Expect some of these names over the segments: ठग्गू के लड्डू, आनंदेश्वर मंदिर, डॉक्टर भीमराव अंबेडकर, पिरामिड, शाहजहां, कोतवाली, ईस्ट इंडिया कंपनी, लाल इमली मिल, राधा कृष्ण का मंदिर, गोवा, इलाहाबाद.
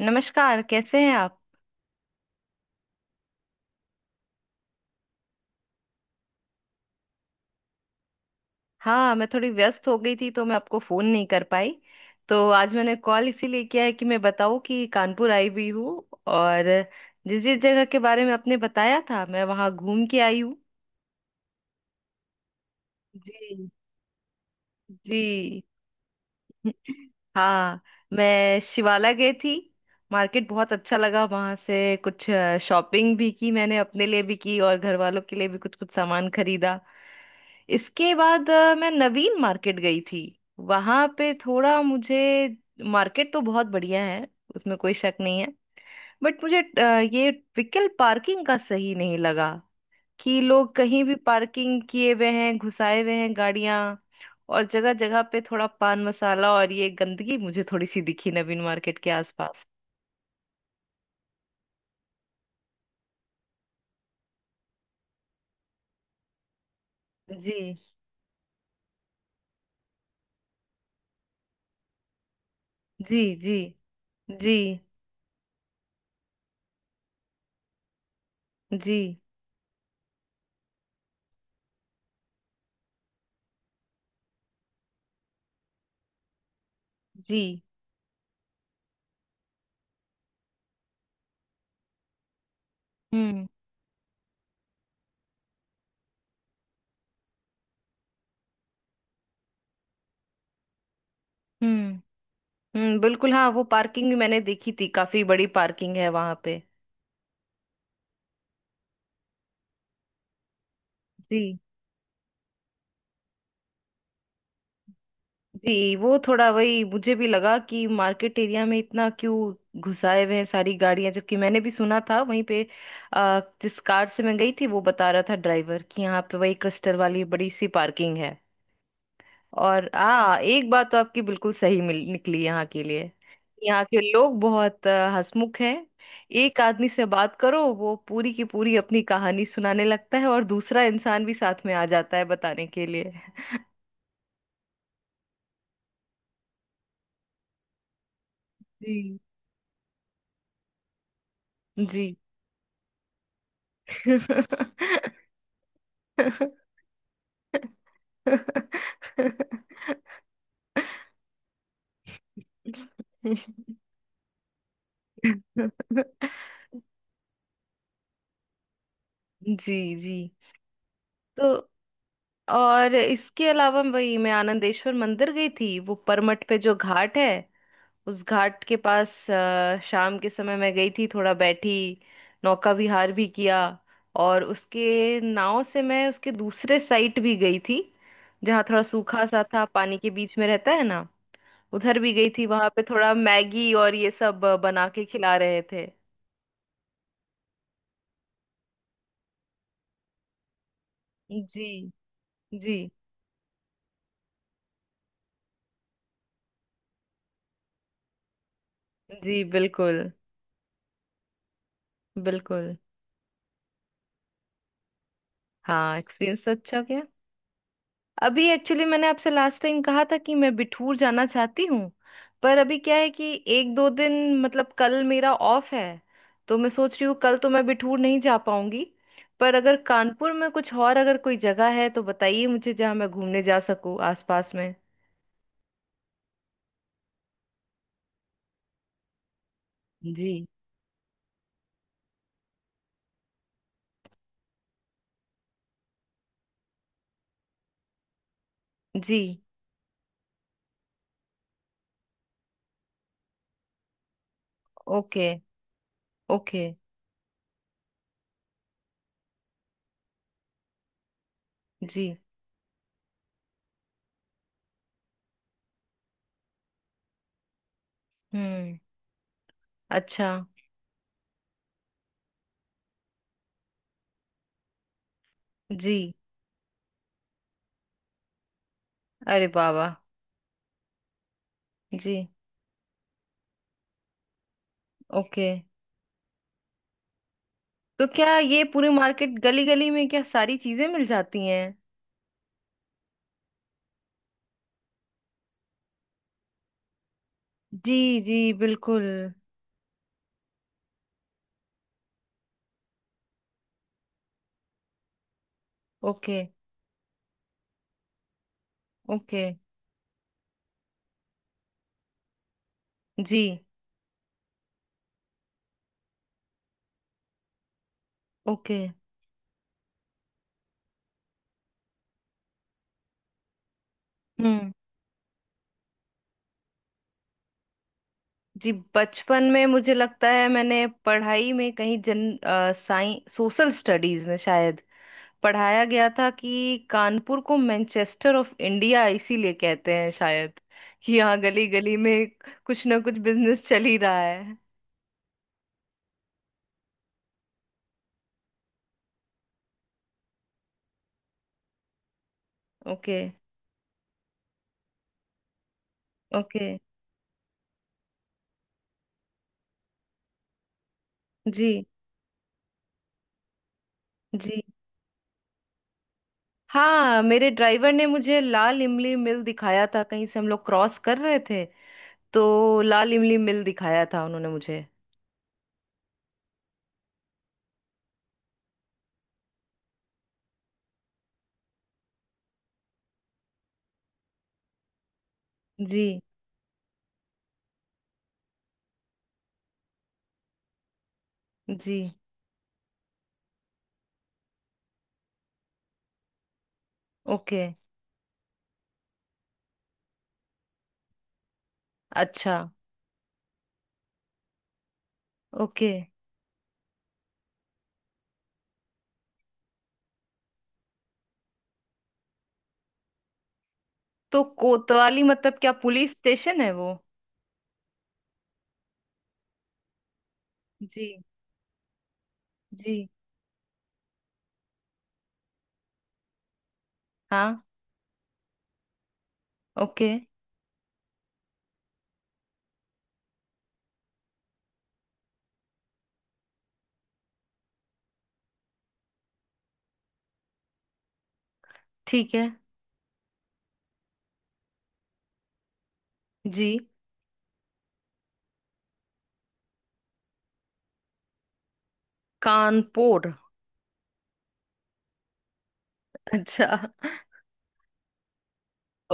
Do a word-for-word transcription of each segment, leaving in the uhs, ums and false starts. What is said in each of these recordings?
नमस्कार। कैसे हैं आप। हाँ, मैं थोड़ी व्यस्त हो गई थी तो मैं आपको फोन नहीं कर पाई। तो आज मैंने कॉल इसीलिए किया है कि मैं बताऊं कि कानपुर आई हुई हूँ, और जिस जिस जगह के बारे में आपने बताया था मैं वहाँ घूम के आई हूँ। जी। जी। हाँ, मैं शिवाला गई थी। मार्केट बहुत अच्छा लगा। वहाँ से कुछ शॉपिंग भी की मैंने, अपने लिए भी की और घर वालों के लिए भी कुछ कुछ सामान खरीदा। इसके बाद अ, मैं नवीन मार्केट गई थी। वहां पे थोड़ा मुझे, मार्केट तो बहुत बढ़िया है, उसमें कोई शक नहीं है। बट मुझे अ, ये व्हीकल पार्किंग का सही नहीं लगा। कि लोग कहीं भी पार्किंग किए हुए हैं, घुसाए हुए हैं गाड़ियां। और जगह जगह पे थोड़ा पान मसाला और ये गंदगी मुझे थोड़ी सी दिखी नवीन मार्केट के आसपास। जी। जी। जी। जी। जी। जी। हम्म। हम्म। हम्म, बिल्कुल। हाँ, वो पार्किंग भी मैंने देखी थी, काफी बड़ी पार्किंग है वहां पे। जी। जी। वो थोड़ा वही मुझे भी लगा कि मार्केट एरिया में इतना क्यों घुसाए हुए हैं सारी गाड़ियां। जबकि मैंने भी सुना था वहीं पे। आ, जिस कार से मैं गई थी वो बता रहा था ड्राइवर कि यहाँ पे वही क्रिस्टल वाली बड़ी सी पार्किंग है। और आ एक बात तो आपकी बिल्कुल सही मिल निकली यहाँ के लिए। यहाँ के लोग बहुत अ, हंसमुख हैं। एक आदमी से बात करो वो पूरी की पूरी अपनी कहानी सुनाने लगता है, और दूसरा इंसान भी साथ में आ जाता है बताने के लिए। जी। जी। जी। जी। तो। और इसके अलावा वही मैं आनंदेश्वर मंदिर गई थी, वो परमट पे जो घाट है। उस घाट के पास अ, शाम के समय मैं गई थी, थोड़ा बैठी। नौका विहार भी किया। और उसके नाव से मैं उसके दूसरे साइड भी गई थी। जहाँ थोड़ा सूखा सा था, पानी के बीच में रहता है ना। उधर भी गई थी, वहां पे थोड़ा मैगी और ये सब अ, बना के खिला रहे थे। जी। जी। जी, बिल्कुल। बिल्कुल। हाँ, एक्सपीरियंस तो अच्छा गया। अभी एक्चुअली मैंने आपसे लास्ट टाइम कहा था कि मैं बिठूर जाना चाहती हूँ। पर अभी क्या है कि एक दो दिन, मतलब कल मेरा ऑफ है। तो मैं सोच रही हूँ कल तो मैं बिठूर नहीं जा पाऊंगी। पर अगर कानपुर में कुछ और अगर कोई जगह है तो बताइए मुझे, जहाँ मैं घूमने जा सकूँ आसपास में। जी। जी। ओके। ओके। जी। हम्म। अच्छा। जी। अरे बाबा। जी। ओके। तो क्या ये पूरी मार्केट, गली गली में क्या सारी चीजें मिल जाती हैं। जी, जी, बिल्कुल। ओके। ओके। जी। ओके। हम्म। जी, बचपन में मुझे लगता है मैंने पढ़ाई में कहीं जन साइंस सोशल स्टडीज में शायद पढ़ाया गया था कि कानपुर को मैनचेस्टर ऑफ इंडिया इसीलिए कहते हैं, शायद कि यहाँ गली गली में कुछ ना कुछ बिजनेस चल ही रहा है। ओके। ओके। जी। जी। हाँ, मेरे ड्राइवर ने मुझे लाल इमली मिल दिखाया था, कहीं से हम लोग क्रॉस कर रहे थे। तो लाल इमली मिल दिखाया था उन्होंने मुझे। जी। जी। ओके। अच्छा। ओके। तो कोतवाली मतलब क्या, पुलिस स्टेशन है वो। जी। जी। हाँ। ओके। ठीक है। जी। कानपुर। अच्छा।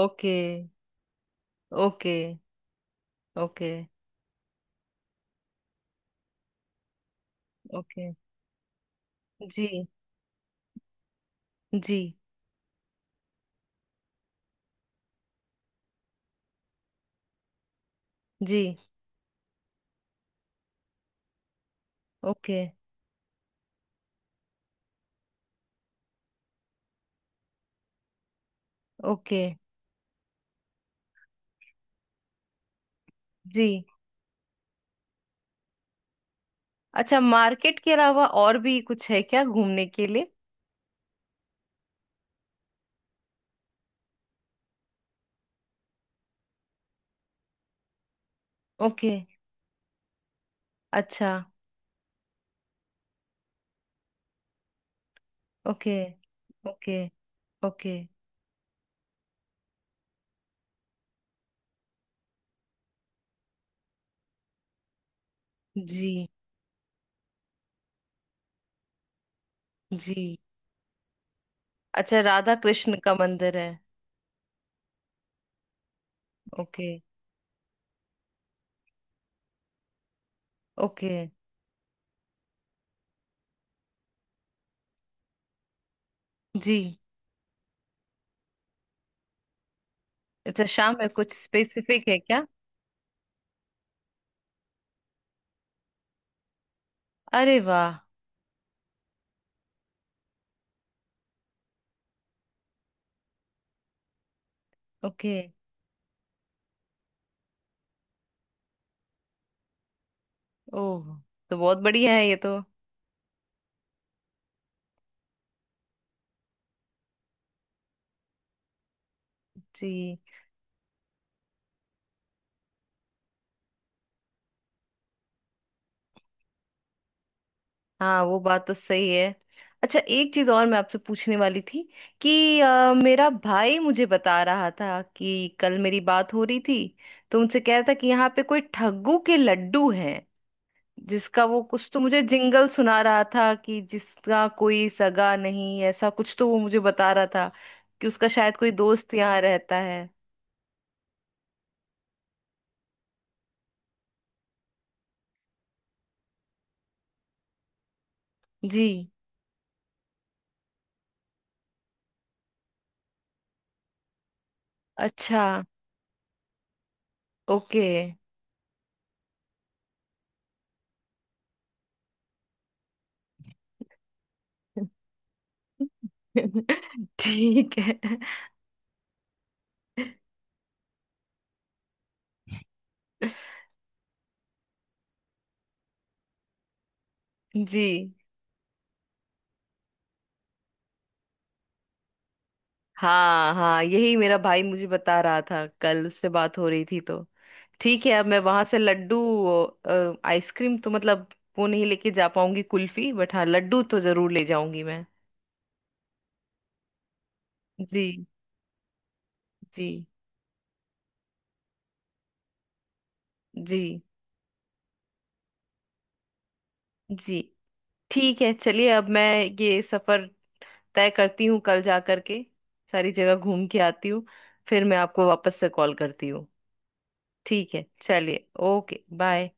ओके। ओके। ओके। ओके। जी। जी। जी। ओके। ओके। जी। अच्छा, मार्केट के अलावा और भी कुछ है क्या घूमने के लिए। ओके। अच्छा। ओके। ओके। ओके। जी। जी। अच्छा, राधा कृष्ण का मंदिर है। ओके। ओके। जी। अच्छा, शाम में कुछ स्पेसिफिक है क्या। अरे वाह। ओके। ओह, तो बहुत बढ़िया है ये तो। जी। हाँ, वो बात तो सही है। अच्छा, एक चीज और मैं आपसे पूछने वाली थी कि अ, मेरा भाई मुझे बता रहा था, कि कल मेरी बात हो रही थी। तो उनसे कह रहा था कि यहाँ पे कोई ठग्गू के लड्डू हैं। जिसका वो कुछ तो मुझे जिंगल सुना रहा था कि जिसका कोई सगा नहीं, ऐसा कुछ तो वो मुझे बता रहा था। कि उसका शायद कोई दोस्त यहाँ रहता है। जी। अच्छा। ओके। ठीक है। जी। हाँ हाँ, यही मेरा भाई मुझे बता रहा था, कल उससे बात हो रही थी तो। ठीक है, अब मैं वहां से लड्डू, अ, आइसक्रीम तो, मतलब वो नहीं लेके जा पाऊंगी कुल्फी, बट हाँ, लड्डू तो जरूर ले जाऊंगी मैं। जी। जी। जी। जी। ठीक है, चलिए। अब मैं ये सफर तय करती हूँ, कल जा करके सारी जगह घूम के आती हूँ। फिर मैं आपको वापस से कॉल करती हूँ। ठीक है। चलिए। Okay, bye.